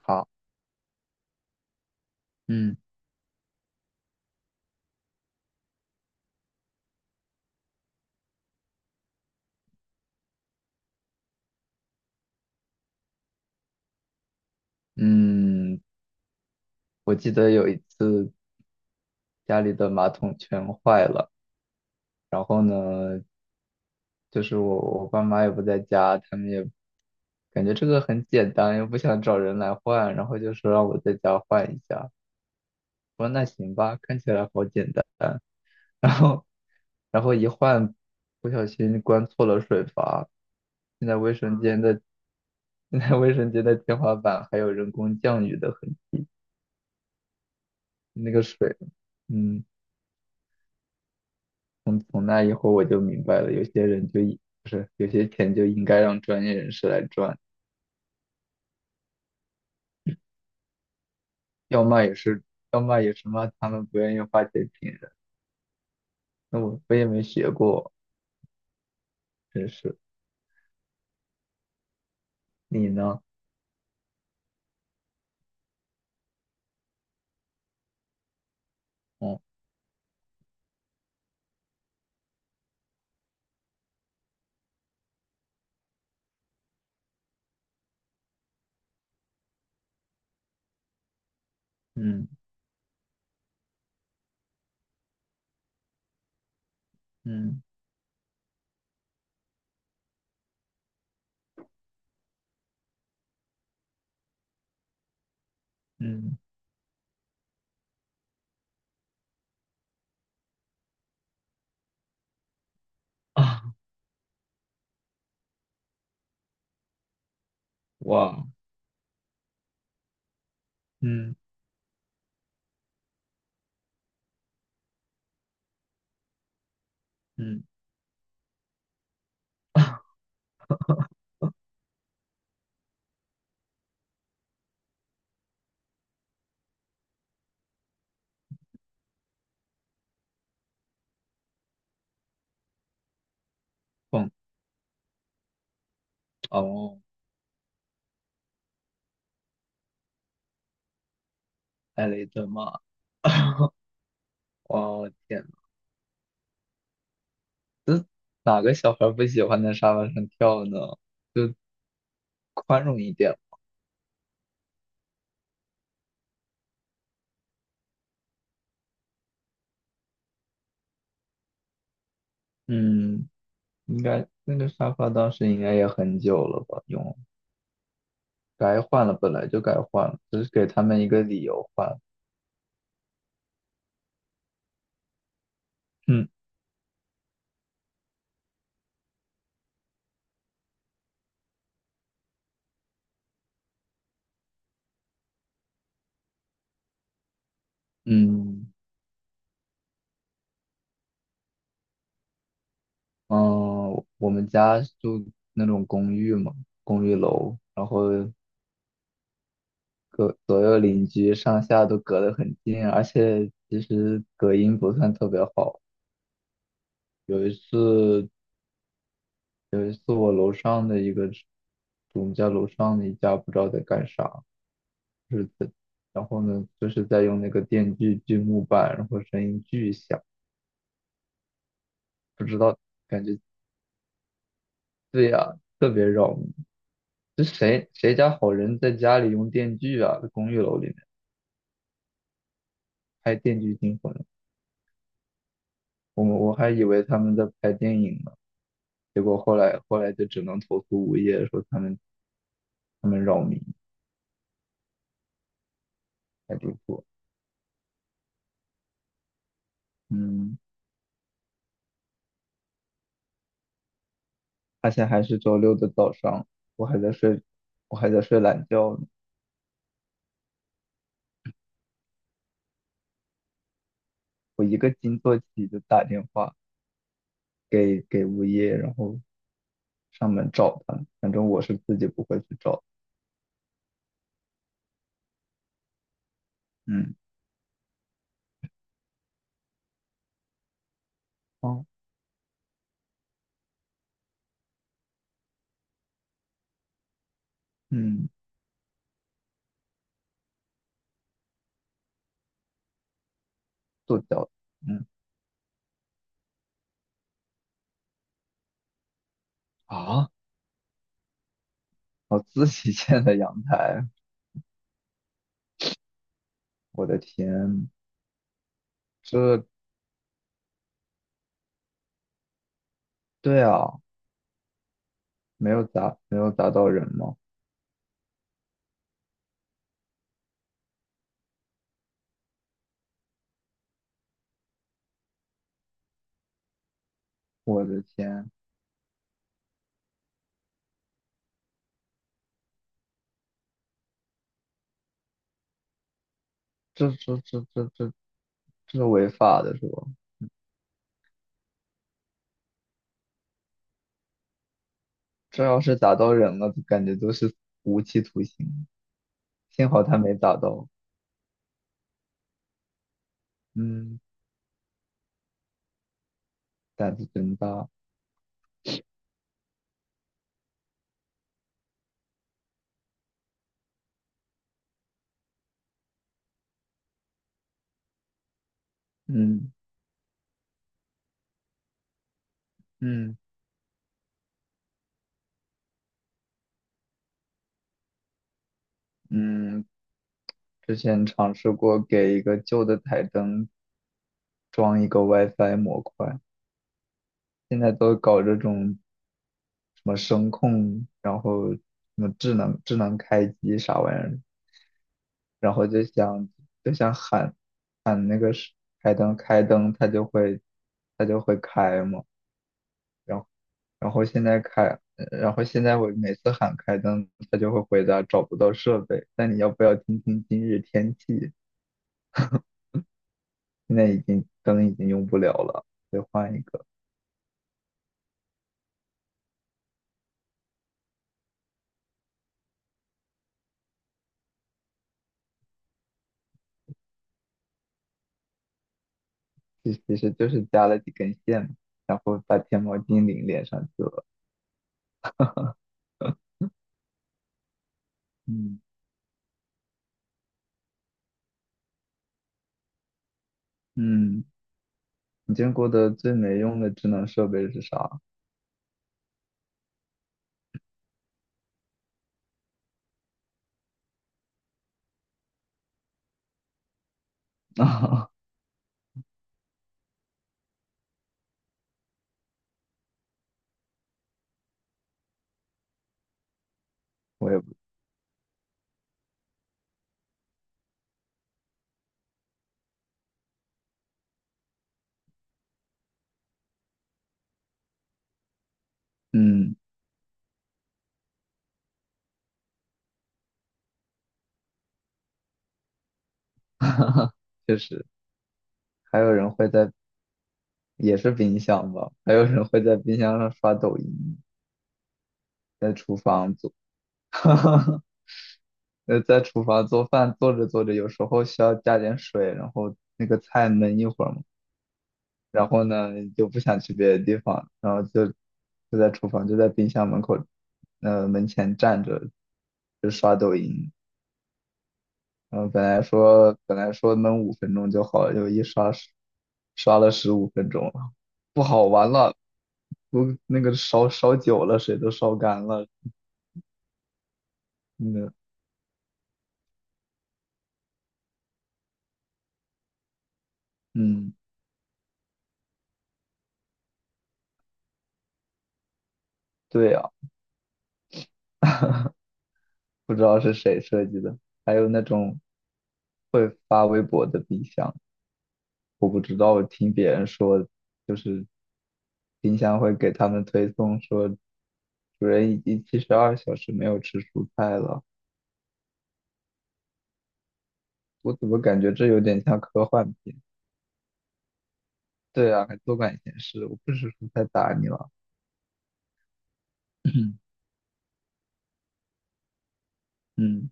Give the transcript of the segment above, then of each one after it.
好，嗯。嗯，我记得有一次家里的马桶全坏了，就是我爸妈也不在家，他们也感觉这个很简单，又不想找人来换，然后就说让我在家换一下。我说那行吧，看起来好简单。然后然后一换，不小心关错了水阀，现在卫生间的现在卫生间的天花板还有人工降雨的痕，那个水，嗯。从那以后我就明白了，有些人就一不是有些钱就应该让专业人士来赚，要骂也是要骂也是骂他们不愿意花钱请人。那我也没学过，真是。你呢？哦，嗯。嗯。嗯。啊，哇，嗯。嗯，蹦。哦，挨了一顿骂。哇哦，天哪！哪个小孩不喜欢在沙发上跳呢？就宽容一点。嗯。应该那个沙发当时应该也很久了吧？用该换了，本来就该换了，只是给他们一个理由换。嗯。嗯嗯，我们家住那种公寓嘛，公寓楼，然后隔左右邻居上下都隔得很近啊，而且其实隔音不算特别好。有一次，有一次我楼上的一个，我们家楼上的一家不知道在干啥。是的，然后呢，就是在用那个电锯锯木板，然后声音巨响，不知道，感觉对呀、特别扰民。这谁家好人在家里用电锯啊？在公寓楼里面拍《电锯惊魂》，我还以为他们在拍电影呢，结果后来就只能投诉物业说他们扰民，太离谱。嗯，而且还是周六的早上，我还在睡，我还在睡懒觉呢。我一个惊坐起就打电话给物业，然后上门找他，反正我是自己不会去找。嗯。哦。嗯，做脚，嗯，啊，我自己建的阳台，我的天，这对啊，没有砸到人吗？我的天，这这违法的是吧？这要是砸到人了，感觉都是无期徒刑。幸好他没砸到，嗯，胆子真大，嗯。嗯。嗯，之前尝试过给一个旧的台灯装一个 WiFi 模块。现在都搞这种什么声控，然后什么智能开机啥玩意儿，然后就想喊那个是开灯，它就会开嘛。然后然后现在开，呃然后现在我每次喊开灯，它就会回答找不到设备。那你要不要听听今日天气？现在已经灯已经用不了了，得换一个。其实就是加了几根线嘛，然后把天猫精灵连上去了。嗯。嗯，你见过的最没用的智能设备是啥？我也不，嗯，确实，还有人会在，也是冰箱吧，还有人会在冰箱上刷抖音，在厨房做，在厨房做饭，做着做着，有时候需要加点水，然后那个菜焖一会儿嘛，然后呢就不想去别的地方，就在厨房就在冰箱门口，门前站着就刷抖音，然后本来说能五分钟就好了，就一刷十刷了15分钟了，不好玩了，我那个烧久了，水都烧干了，那个嗯，对呀、不知道是谁设计的，还有那种会发微博的冰箱。我不知道，我听别人说，就是冰箱会给他们推送说，主人已经72小时没有吃蔬菜了。我怎么感觉这有点像科幻片？对啊，还多管闲事，我不吃蔬菜打你了。嗯。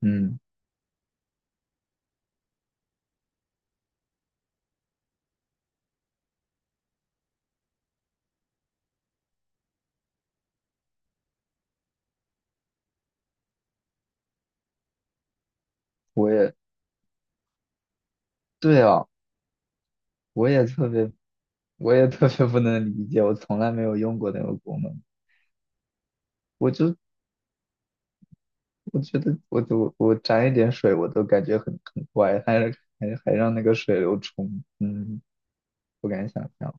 嗯，我也对啊，我也特别，我也特别不能理解，我从来没有用过那个功能。我就我觉得我我沾一点水我都感觉很怪，还还让那个水流冲，嗯。不敢想象。